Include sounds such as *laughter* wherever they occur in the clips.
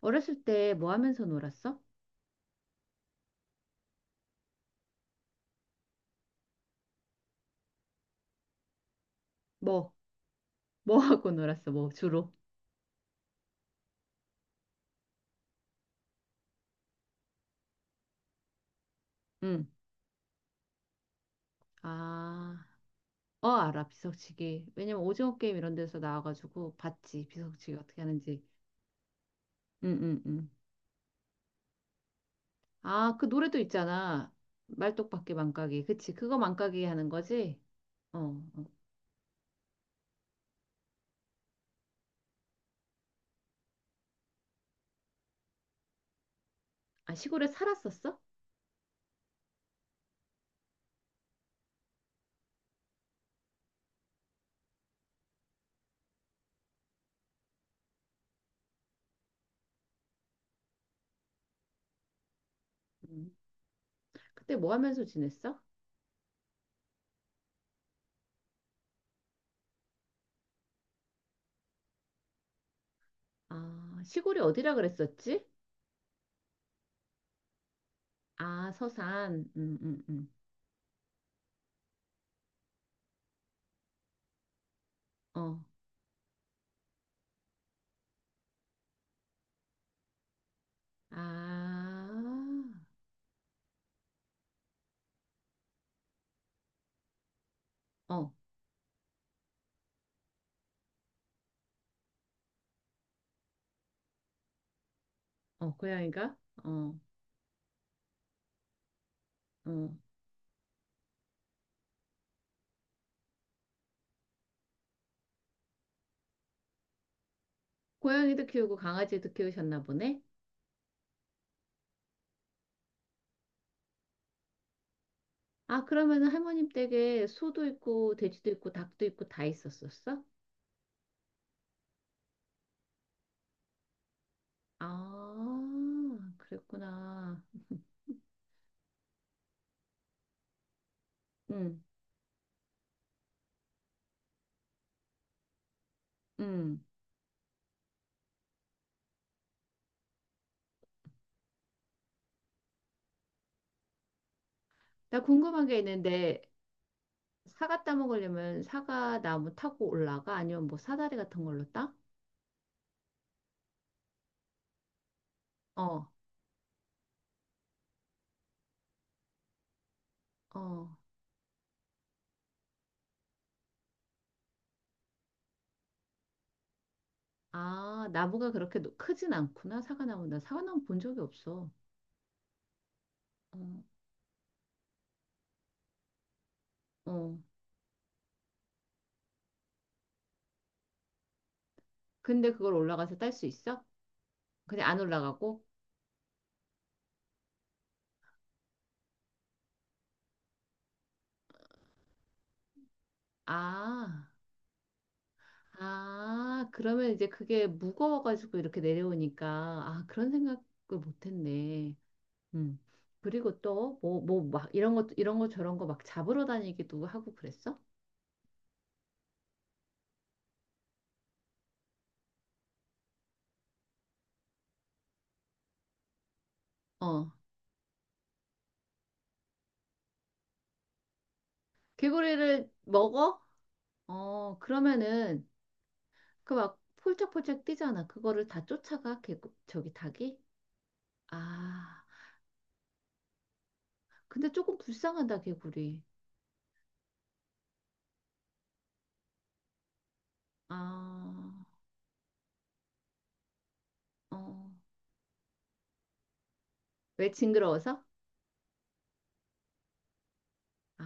어렸을 때 뭐 하면서 놀았어? 뭐, 뭐 하고 놀았어? 뭐, 주로? 응. 아, 어, 알아. 비석치기. 왜냐면 오징어 게임 이런 데서 나와가지고 봤지. 비석치기 어떻게 하는지. 응, 응, 응. 아, 그 노래도 있잖아. 말뚝박기 망가기. 그치. 그거 망가기 하는 거지? 어. 어. 아, 시골에 살았었어? 응. 그때 뭐 하면서 지냈어? 아, 시골이 어디라 그랬었지? 아, 서산. 응, 응, 응. 어. 아, 어. 어, 고양이가? 어, 어. 고양이도 키우고 강아지도 키우셨나 보네? 아, 그러면은 할머님 댁에 소도 있고, 돼지도 있고, 닭도 있고, 다 있었었어? 아, 그랬구나. 응, 응. 나 궁금한 게 있는데, 사과 따 먹으려면 사과 나무 타고 올라가? 아니면 뭐 사다리 같은 걸로 따? 어, 어. 아, 크진 않구나, 사과나무. 나 사과나무 본 적이 없어. 어, 어. 근데 그걸 올라가서 딸 수 있어? 그냥 안 올라가고? 아, 아, 그러면 이제 그게 무거워가지고 이렇게 내려오니까, 아, 그런 생각을 못했네. 음. 그리고 또, 막, 이런 거 저런 거 막 잡으러 다니기도 하고 그랬어? 어. 개구리를 먹어? 어, 그러면은, 그 막, 폴짝폴짝 뛰잖아. 그거를 다 쫓아가, 저기 닭이? 아, 근데 조금 불쌍하다, 개구리. 아, 어. 왜 징그러워서? 아.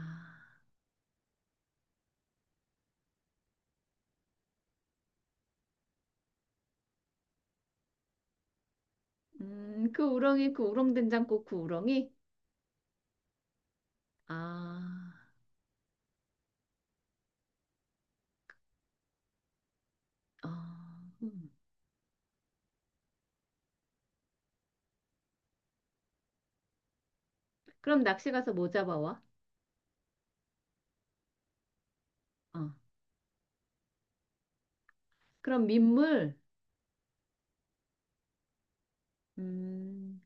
그 우렁 된장국 그 우렁이? 아, 어, 음. 그럼 낚시 가서 뭐 잡아와? 어. 그럼 민물? 음,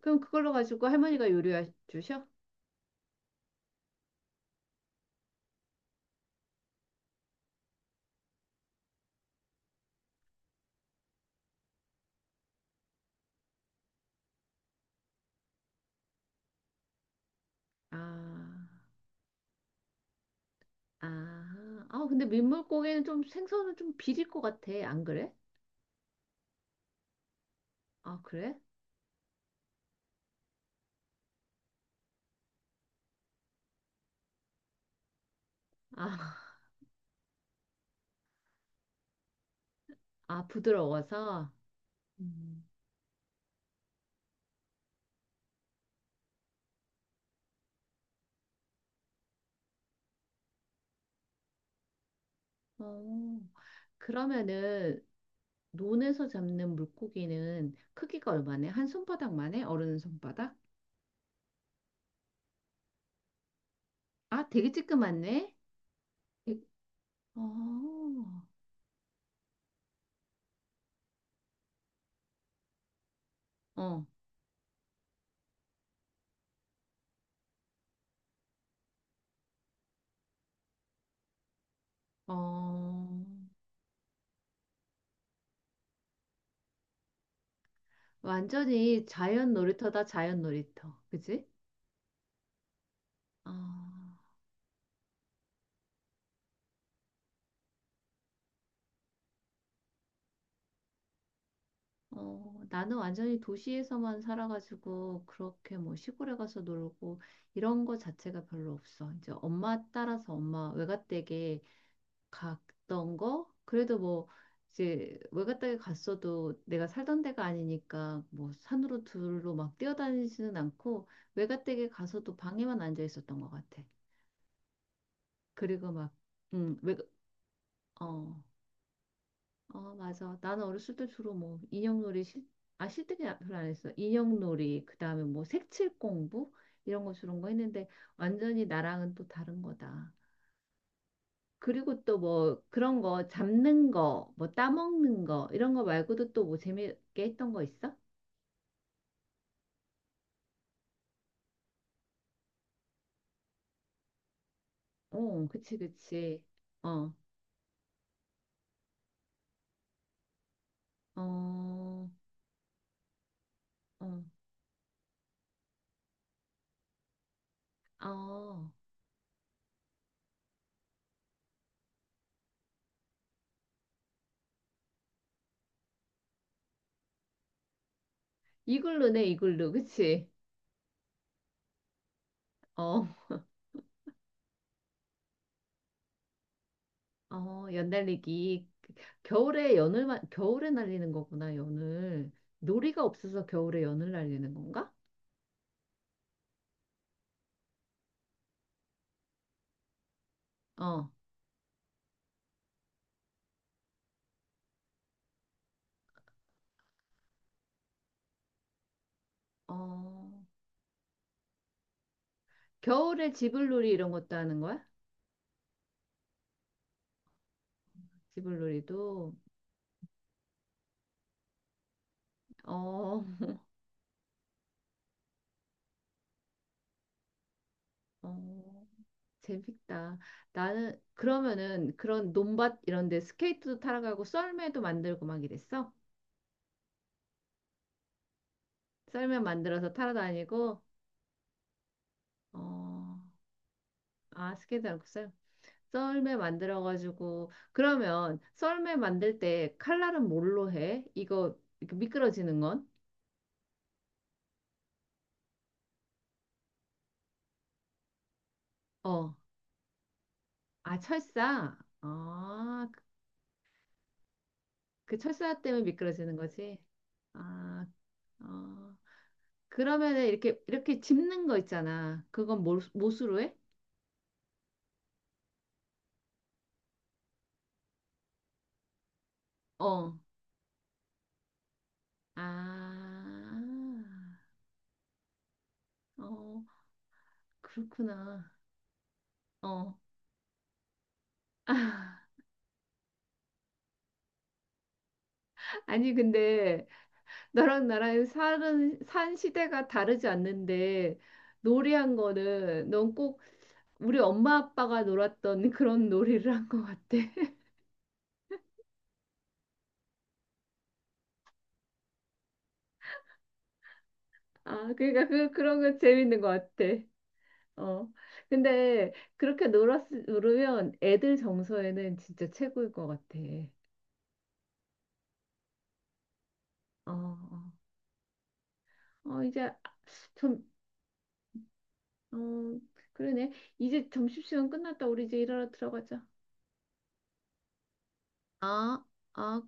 그럼 그걸로 가지고 할머니가 요리해 주셔? 아, 아, 근데 민물고기는 좀 생선은 좀 비릴 것 같아. 안 그래? 아, 그래? 아, *laughs* 아, 부드러워서? 음. 어, 그러면은, 논에서 잡는 물고기는 크기가 얼마네? 한 손바닥만 해? 어른 손바닥? 아, 되게 찌끄맣네. 되- 어, 어, 어. 완전히 자연 놀이터다, 자연 놀이터. 그지? 아, 어, 나는 완전히 도시에서만 살아가지고, 그렇게 뭐 시골에 가서 놀고, 이런 거 자체가 별로 없어. 이제 엄마 따라서 엄마 외갓댁에 갔던 거? 그래도 뭐 이제 외갓 댁에 갔어도 내가 살던 데가 아니니까 뭐 산으로 둘로 막 뛰어다니지는 않고 외갓 댁에 가서도 방에만 앉아 있었던 것 같아. 그리고 막 외 어, 어, 맞아. 나는 어렸을 때 주로 뭐 인형놀이 실, 아, 실뜨기 별로 안 했어. 인형놀이, 그다음에 뭐 색칠 공부 이런 거 주로 거 했는데 완전히 나랑은 또 다른 거다. 그리고 또 뭐 그런 거 잡는 거, 뭐 따먹는 거 이런 거 말고도 또 뭐 재미있게 했던 거 있어? 어, 그치, 그치. 어, 어, 어, 어. 이글루네, 이글루, 그치? 어, 어, 연달리기. 겨울에 날리는 거구나, 연을. 놀이가 없어서 겨울에 연을 날리는 건가? 어, 어. 겨울에 지불놀이 이런 것도 하는 거야? 지불놀이도. 어, *laughs* 어. 재밌다. 나는 그러면은 그런 논밭 이런 데 스케이트도 타러 가고 썰매도 만들고 막 이랬어? 썰매 만들어서 타러 다니고 어, 아, 스케이트 말고 썰 썰매 만들어 가지고 그러면 썰매 만들 때 칼날은 뭘로 해? 이거 이렇게 미끄러지는 건? 어. 아, 철사. 아, 그그 철사 때문에 미끄러지는 거지. 아, 어. 그러면은 이렇게 짚는 거 있잖아. 그건 뭘, 못으로 해? 어. 아, 어, 그렇구나. 어. *laughs* 아, 아니, 근데 너랑 나랑 산 시대가 다르지 않는데 놀이한 거는 넌 꼭 우리 엄마 아빠가 놀았던 *laughs* 그런 놀이를 한 것 같아. *laughs* 아, 그러니까 그런 거 재밌는 것 같아. 어. 근데 놀으면 애들 정서에는 진짜 최고일 것 같아. 어, 어, 어, 이제 아, 좀 어, 그러네. 이제 점심시간 끝났다. 우리 이제 일하러 들어가자. 아, 아.